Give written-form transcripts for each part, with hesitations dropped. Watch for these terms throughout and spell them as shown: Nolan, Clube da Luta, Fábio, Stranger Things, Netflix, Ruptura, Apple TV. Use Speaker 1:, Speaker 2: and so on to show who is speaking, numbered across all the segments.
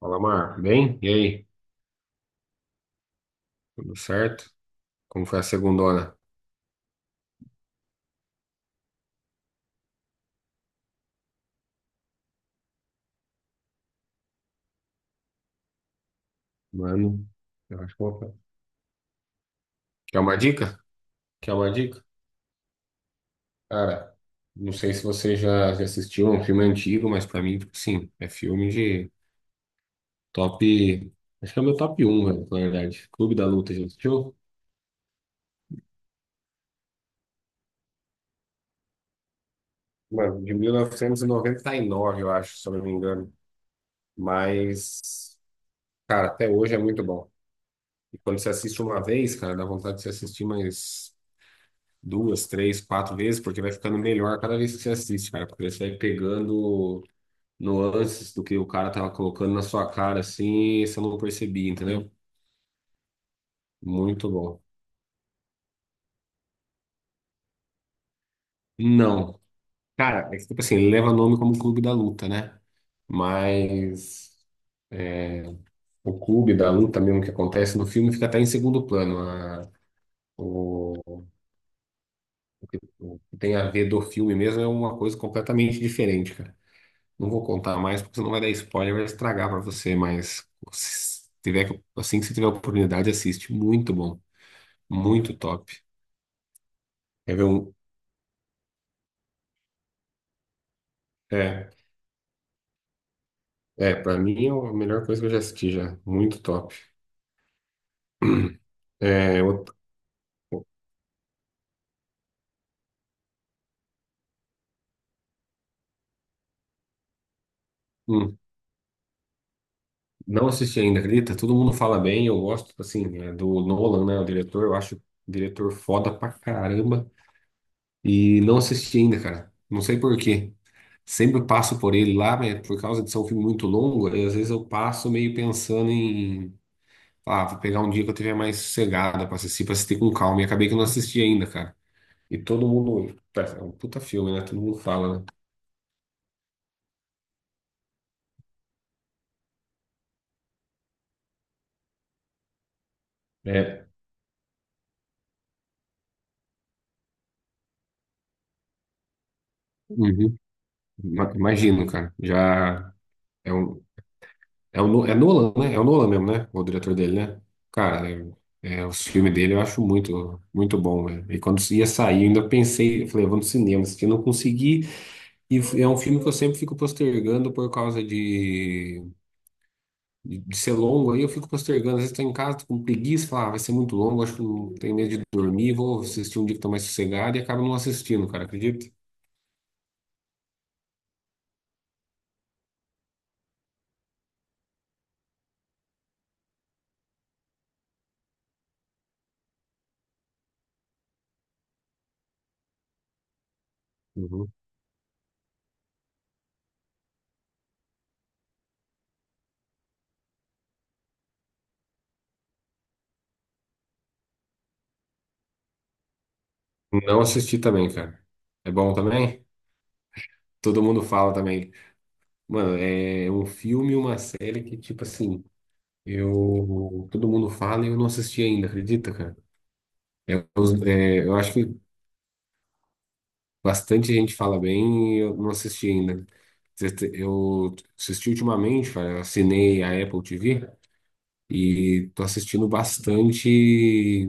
Speaker 1: Fala, Mar. Bem? E aí? Tudo certo? Como foi a segundona? Mano, eu acho que eu vou... Quer uma dica? Quer uma dica? Cara, não sei se você já assistiu é um filme antigo, mas pra mim, tipo assim, é filme de top... Acho que é o meu top um, velho, na verdade. Clube da Luta, já assistiu? Mano, de 1999, eu acho, se eu não me engano. Mas, cara, até hoje é muito bom. E quando você assiste uma vez, cara, dá vontade de você assistir mais... duas, três, quatro vezes, porque vai ficando melhor cada vez que você assiste, cara, porque você vai pegando nuances do que o cara tava colocando na sua cara, assim, e você não percebia, entendeu? Muito bom. Não, cara, é que, tipo assim, ele leva nome como Clube da Luta, né? Mas é, o clube da luta mesmo que acontece no filme fica até em segundo plano. O, o que tem a ver do filme mesmo é uma coisa completamente diferente, cara. Não vou contar mais, porque senão vai dar spoiler, vai estragar pra você, mas se tiver, assim que você tiver oportunidade, assiste. Muito bom, muito top. Quer ver um? É, é, pra mim é a melhor coisa que eu já assisti já. Muito top. É, hum, não assisti ainda, acredita? Todo mundo fala bem, eu gosto, assim, é, do Nolan, né? O diretor, eu acho o diretor foda pra caramba. E não assisti ainda, cara. Não sei por quê. Sempre passo por ele lá, mas por causa de ser um filme muito longo, aí às vezes eu passo meio pensando em, ah, vou pegar um dia que eu tiver mais sossegada pra assistir com calma. E acabei que eu não assisti ainda, cara. E todo mundo, tá, é um puta filme, né? Todo mundo fala, né? É. Uhum. Imagino, cara. Já é um, É o, é Nolan, né? É o Nolan mesmo, né? O diretor dele, né? Cara, é, os filmes dele eu acho muito, muito bom, né? E quando ia sair, eu ainda pensei, eu falei, eu vou no cinema, se não consegui. E é um filme que eu sempre fico postergando por causa de ser longo. Aí eu fico postergando. Às vezes tô em casa, tô com preguiça, falo, ah, vai ser muito longo, acho que não tenho medo de dormir, vou assistir um dia que tô mais sossegado e acabo não assistindo, cara, acredita? Uhum. Não assisti também, cara. É bom também? Todo mundo fala também. Mano, é um filme e uma série que, tipo assim, eu. Todo mundo fala e eu não assisti ainda, acredita, cara? É, eu acho que bastante gente fala bem e eu não assisti ainda. Eu assisti ultimamente, cara, eu assinei a Apple TV e tô assistindo bastante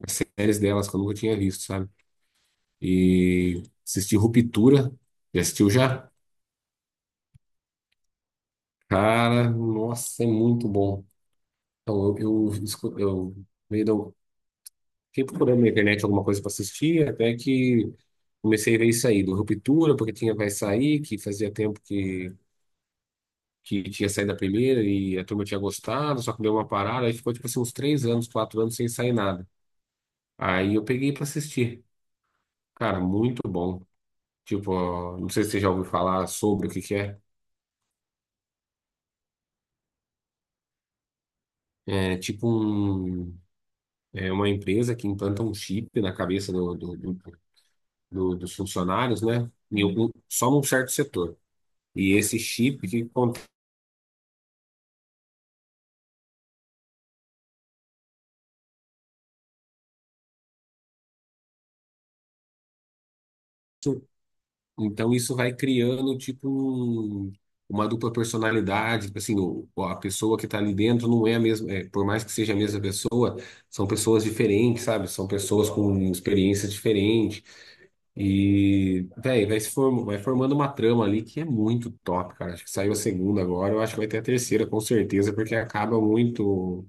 Speaker 1: as séries delas que eu nunca tinha visto, sabe? E assisti Ruptura, já assistiu já? Cara, nossa, é muito bom. Então, eu fiquei procurando na internet alguma coisa para assistir, até que comecei a ver isso aí, do Ruptura, porque tinha Vai Sair, que fazia tempo que tinha saído da primeira e a turma tinha gostado, só que deu uma parada, aí ficou tipo assim uns 3 anos, 4 anos sem sair nada. Aí eu peguei para assistir. Cara, muito bom. Tipo, ó, não sei se você já ouviu falar sobre o que que é. É tipo um, é uma empresa que implanta um chip na cabeça dos funcionários, né? Em algum, só num certo setor. E esse chip, o que acontece? Então isso vai criando tipo uma dupla personalidade, tipo assim, a pessoa que está ali dentro não é a mesma, é, por mais que seja a mesma pessoa, são pessoas diferentes, sabe? São pessoas com experiências diferentes e, véi, vai se form, vai formando uma trama ali que é muito top, cara. Acho que saiu a segunda agora, eu acho que vai ter a terceira com certeza, porque acaba muito,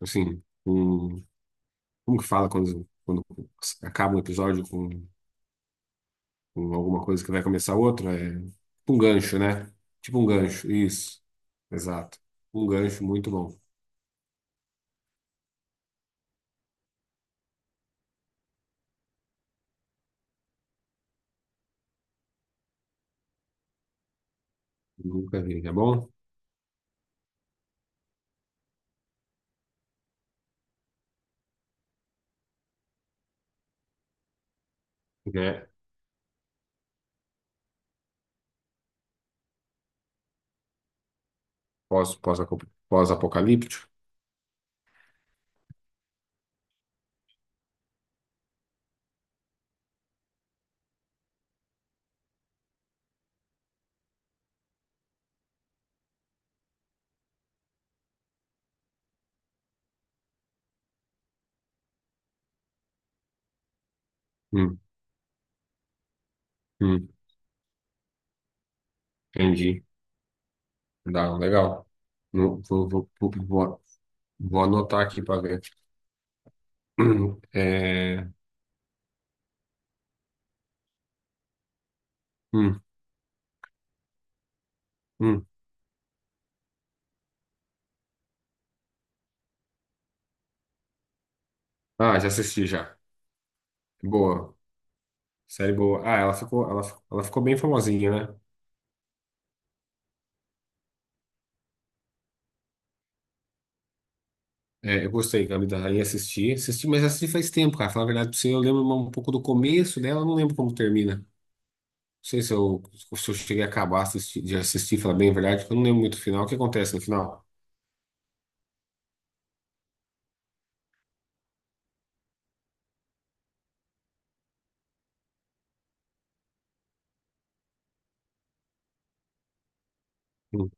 Speaker 1: assim, um, como que fala quando acaba um episódio com alguma coisa que vai começar outra, é tipo um gancho, né? Tipo um gancho, isso. Exato. Um gancho muito bom. Nunca vi, tá bom? É pós, pós, pós-apocalíptico. Hum, hum, entendi. Dá, legal. Não, vou anotar aqui para ver. É, hum, hum. Ah, já assisti já. Boa. Série boa. Ah, ela ficou bem famosinha, né? É, eu gostei, Gabi da Rainha, assisti, assisti, mas assisti faz tempo, cara. Falar a verdade pra você, eu lembro um pouco do começo dela, eu não lembro como termina. Não sei se eu, se eu cheguei a acabar de assistir, falar bem a verdade, porque eu não lembro muito o final. O que acontece no final? Hum,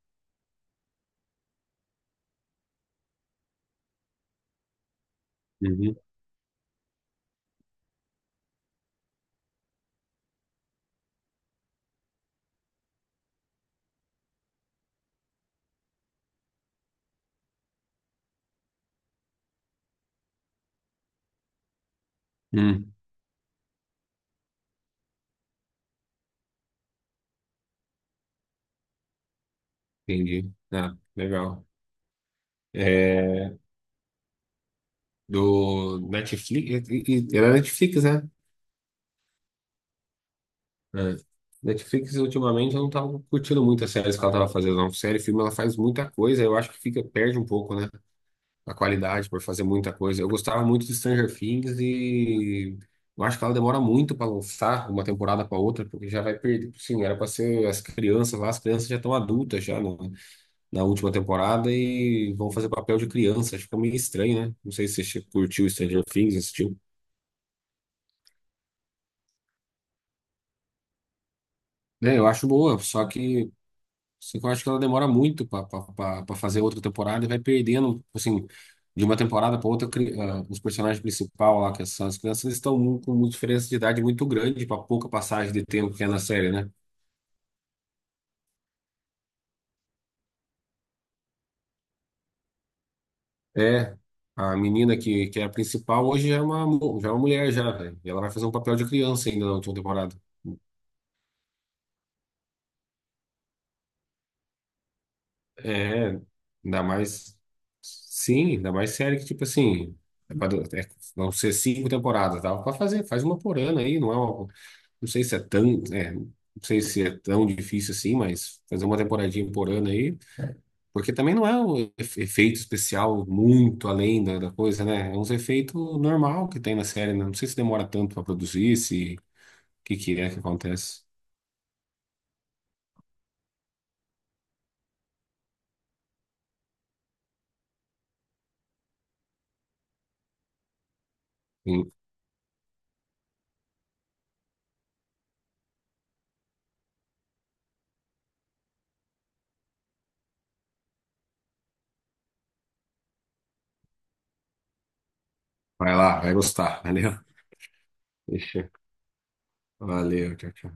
Speaker 1: uhum, hum, entendi. Ah, legal. É, do Netflix, era Netflix, né? É. Netflix, ultimamente, eu não tava curtindo muito as séries que ela tava fazendo, não. Série, filme, ela faz muita coisa, eu acho que fica, perde um pouco, né? A qualidade por fazer muita coisa. Eu gostava muito de Stranger Things e eu acho que ela demora muito para lançar uma temporada para outra, porque já vai perder. Sim, era para ser as crianças lá, as crianças já estão adultas já na última temporada e vão fazer papel de criança. Acho que é meio estranho, né? Não sei se você curtiu Stranger Things, assistiu. É, eu acho boa, só que só que eu acho que ela demora muito para fazer outra temporada e vai perdendo, assim, de uma temporada para outra, os personagens principais lá, que são as crianças, eles estão com uma diferença de idade muito grande para pouca passagem de tempo que é na série, né? É, a menina que é a principal hoje já é já é uma mulher já, velho. E ela vai fazer um papel de criança ainda na última temporada. É, ainda mais. Sim, ainda mais série que, tipo assim, é pra, vão ser 5 temporadas, dá pra fazer, faz uma por ano aí, não é uma. Não sei se é tão, é, não sei se é tão difícil assim, mas fazer uma temporadinha por ano aí, porque também não é um efeito especial muito além da coisa, né? É uns efeitos normal que tem na série, né? Não sei se demora tanto para produzir, se o que que é que acontece. Sim. Vai lá, vai gostar, valeu? Deixa. Valeu, tchau, tchau.